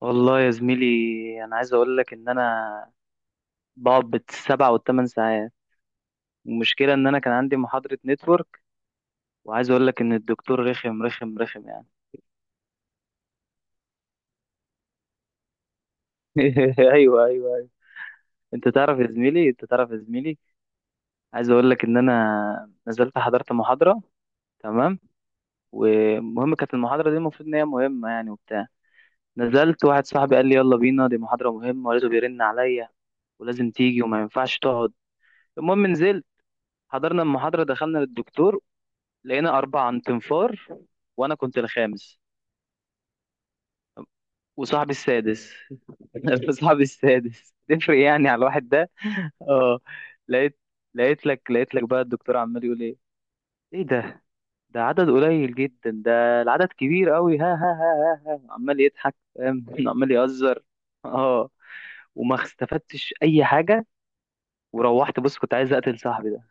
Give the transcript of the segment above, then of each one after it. والله يا زميلي، انا عايز اقول لك ان انا بقعد بالسبع والثمان ساعات. المشكله ان انا كان عندي محاضره نتورك، وعايز اقول لك ان الدكتور رخم رخم رخم يعني. ايوه، ايوه، ايوه. انت تعرف يا زميلي، انت تعرف يا زميلي. عايز اقول لك ان انا نزلت حضرت محاضره، تمام. ومهم كانت المحاضره دي، المفروض ان هي مهمه يعني وبتاع. نزلت، واحد صاحبي قال لي يلا بينا، دي محاضره مهمه ولازم بيرن عليا، ولازم تيجي وما ينفعش تقعد. المهم نزلت، حضرنا المحاضرة، دخلنا للدكتور، لقينا 4 عن تنفار، وأنا كنت الخامس وصاحبي السادس. صاحبي السادس تفرق يعني على الواحد ده. اه، لقيت لقيت لك بقى الدكتور عمال يقول ايه، ايه ده، ده عدد قليل جدا ده، العدد كبير قوي. ها ها ها ها، ها. عمال يضحك، فاهم. عمال يهزر. اه، وما استفدتش اي حاجة، وروحت بص كنت عايز اقتل صاحبي ده.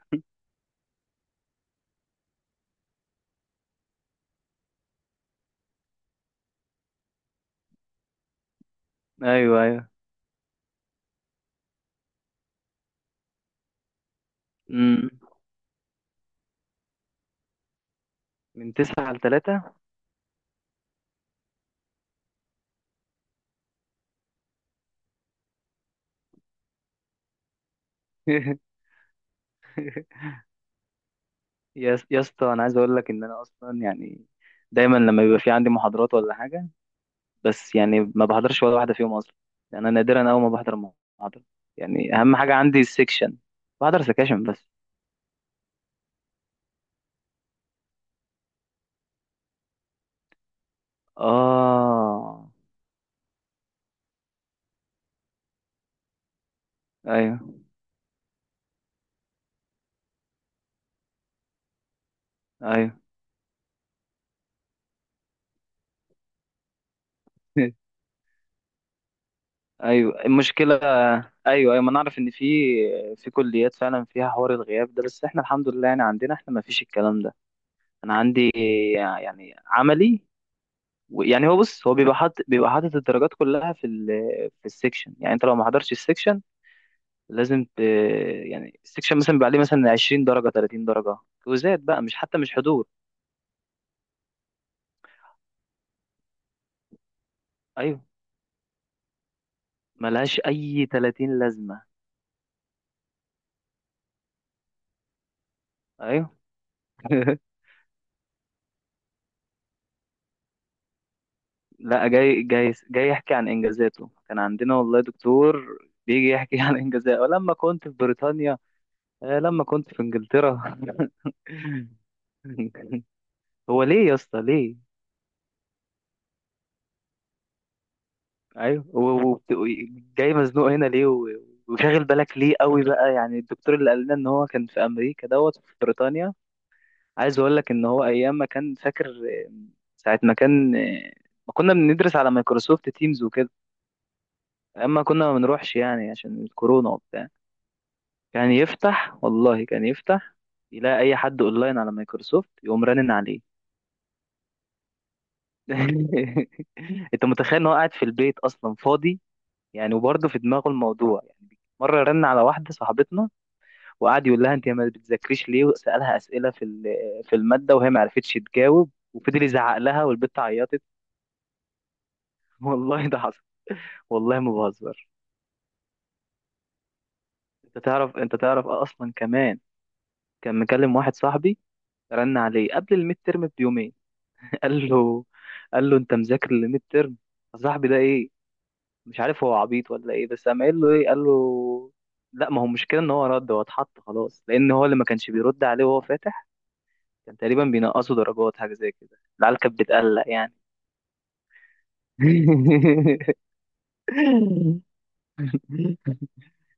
ايوه، ايوه، امم، من 9 لـ3. يا اسطى، انا عايز اقول لك ان انا اصلا يعني دايما لما بيبقى في عندي محاضرات ولا حاجه، بس يعني ما بحضرش ولا واحده فيهم اصلا. يعني انا نادرا اول ما بحضر محاضره. يعني اهم حاجه عندي السكشن، بحضر سكاشن بس. اه، ايوه، ايوه. ايوه، المشكله. ايوه، ايوه، ما نعرف ان في كليات فعلا فيها حوار الغياب ده، بس احنا الحمد لله يعني عندنا احنا ما فيش الكلام ده. انا عندي يعني عملي. يعني هو بص، هو بيبقى حاطط الدرجات كلها في السكشن. يعني انت لو ما حضرتش السكشن لازم يعني السكشن مثلا بيبقى عليه مثلا 20 درجة 30 درجة، كوزات بقى، مش حتى مش حضور. ايوه، ملهاش اي 30 لازمة. ايوه. لا، جاي جاي جاي يحكي عن انجازاته. كان عندنا والله دكتور بيجي يحكي عن انجازاته لما كنت في بريطانيا، لما كنت في انجلترا. هو ليه يا اسطى، ليه؟ ايوه، جاي مزنوق هنا ليه، وشاغل بالك ليه قوي بقى؟ يعني الدكتور اللي قال لنا ان هو كان في امريكا دوت في بريطانيا. عايز اقول لك ان هو ايام ما كان فاكر ساعه ما كان ما كنا بندرس على مايكروسوفت تيمز وكده. ايام ما كنا ما بنروحش يعني عشان الكورونا وبتاع، كان يفتح والله كان يفتح، يلاقي اي حد اونلاين على مايكروسوفت يقوم رنن عليه. انت متخيل ان هو قاعد في البيت اصلا فاضي يعني، وبرضه في دماغه الموضوع يعني. مره رن على واحده صاحبتنا، وقعد يقول لها انت ما بتذاكريش ليه، وسالها اسئله في الماده، وهي ما عرفتش تجاوب، وفضل يزعق لها والبت عيطت. والله ده حصل، والله ما بهزر. انت تعرف، انت تعرف اصلا كمان كان مكلم واحد صاحبي، رن عليه قبل الميد ترم بيومين. قال له قال له انت مذاكر الميد ترم؟ صاحبي ده ايه، مش عارف هو عبيط ولا ايه، بس قام قايل له ايه قال له. لا، ما هو المشكله ان هو رد، هو اتحط خلاص لان هو اللي ما كانش بيرد عليه وهو فاتح. كان تقريبا بينقصوا درجات حاجه زي كده، العيال كانت بتقلق يعني.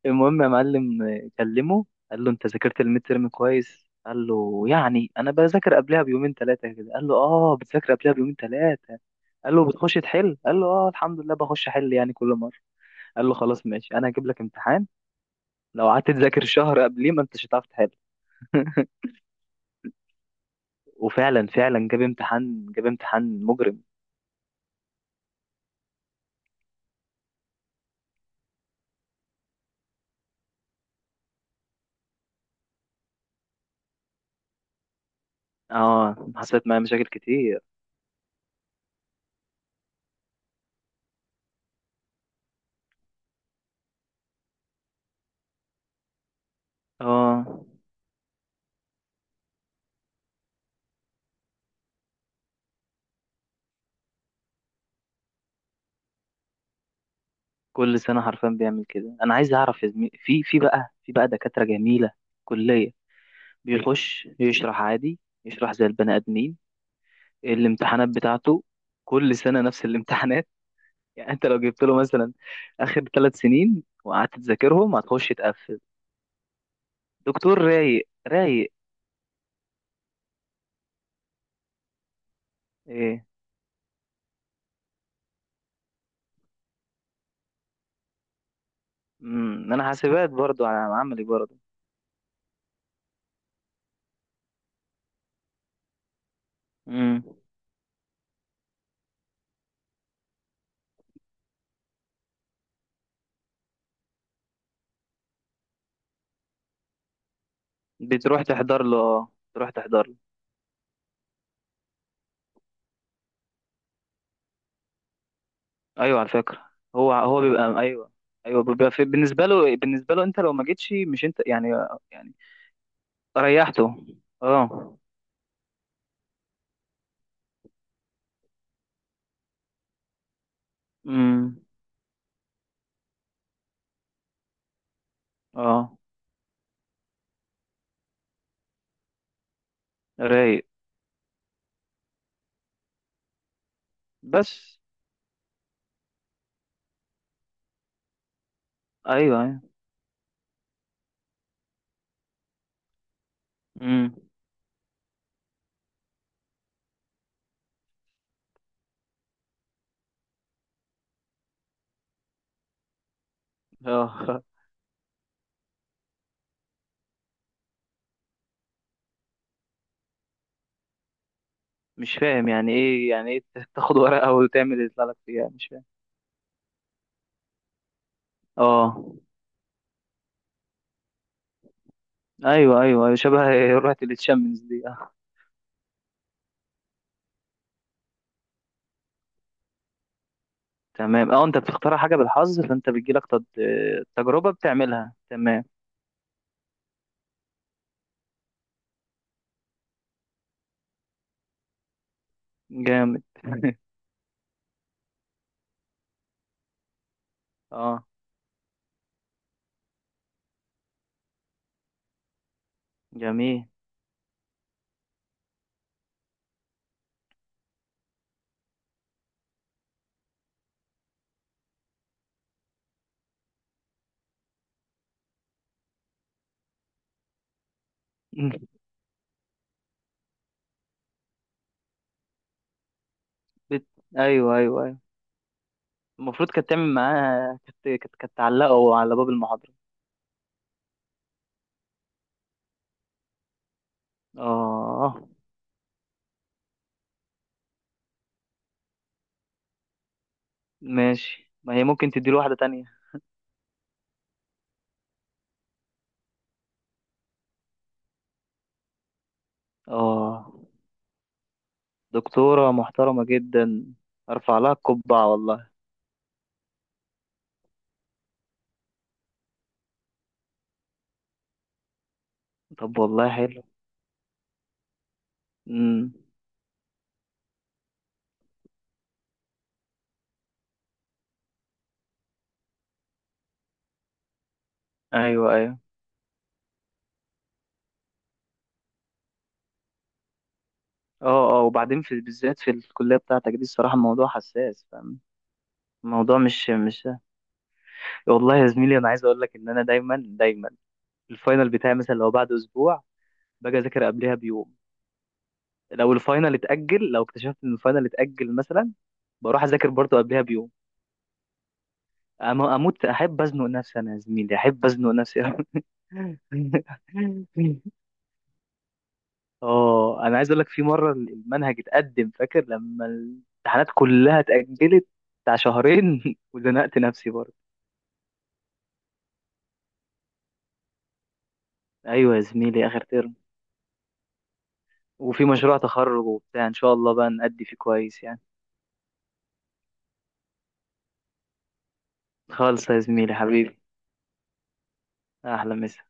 المهم يا معلم، كلمه، قال له انت ذاكرت الميد ترم كويس؟ قال له يعني انا بذاكر قبلها بيومين 3 كده. قال له اه، بتذاكر قبلها بيومين 3. قال له بتخش تحل؟ قال له اه الحمد لله، بخش احل يعني كل مره. قال له خلاص ماشي، انا هجيب لك امتحان لو قعدت تذاكر شهر قبليه ما انتش هتعرف تحل. وفعلا فعلا جاب امتحان، جاب امتحان مجرم. اه، حصلت معايا مشاكل كتير. اه، كل سنة حرفيا بيعمل كده. أنا عايز أعرف يا زميلي، في بقى دكاترة جميلة، كلية بيخش يشرح عادي، يشرح زي البني آدمين. الامتحانات بتاعته كل سنة نفس الامتحانات. يعني أنت لو جبت له مثلا آخر 3 سنين وقعدت تذاكرهم هتخش تقفل. دكتور رايق رايق. إيه. مم. أنا حاسبات برضو على عملي برضو. مم. بتروح تحضر له. ايوه، على فكره، هو بيبقى ايوه. ايوه، بيبقى في بالنسبه له انت لو ما جيتش مش انت يعني، يعني ريحته. اه، امم، اه، رايق بس. ايوه، ايوه، امم، اه. مش فاهم يعني ايه يعني ايه. تاخد ورقه وتعمل اللي يطلع لك فيها، مش فاهم. اه، ايوه، ايوه، أيوة، شبه رحله التشامبيونز دي. اه، تمام، اه، انت بتختار حاجه بالحظ، فانت بتجيلك تجربه بتعملها تمام. جامد. اه، جميل. بت... ايوه، ايوه، ايوه. المفروض كانت تعمل معاها كانت تعلقه على باب المحاضرة. اه، ماشي، ما هي ممكن تديله واحدة تانية. اه، دكتورة محترمة جدا، ارفع لها القبعة والله. طب والله حلو، امم، ايوه، ايوه، اه، اه. وبعدين في بالذات في الكلية بتاعتك دي الصراحة الموضوع حساس، فاهم. الموضوع مش والله يا زميلي. انا عايز اقول لك ان انا دايما دايما الفاينل بتاعي مثلا لو بعد اسبوع باجي اذاكر قبلها بيوم. لو الفاينل اتأجل، لو اكتشفت ان الفاينل اتأجل مثلا، بروح اذاكر برضو قبلها بيوم. اموت احب ازنق نفسي، انا يا زميلي احب ازنق نفسي أوي. اه، انا عايز اقول لك في مره المنهج اتقدم، فاكر لما الامتحانات كلها اتاجلت بتاع شهرين. وزنقت نفسي برضه. ايوه يا زميلي، اخر ترم، وفي مشروع تخرج وبتاع، ان شاء الله بقى نأدي فيه كويس يعني. خالص يا زميلي حبيبي، احلى مسا.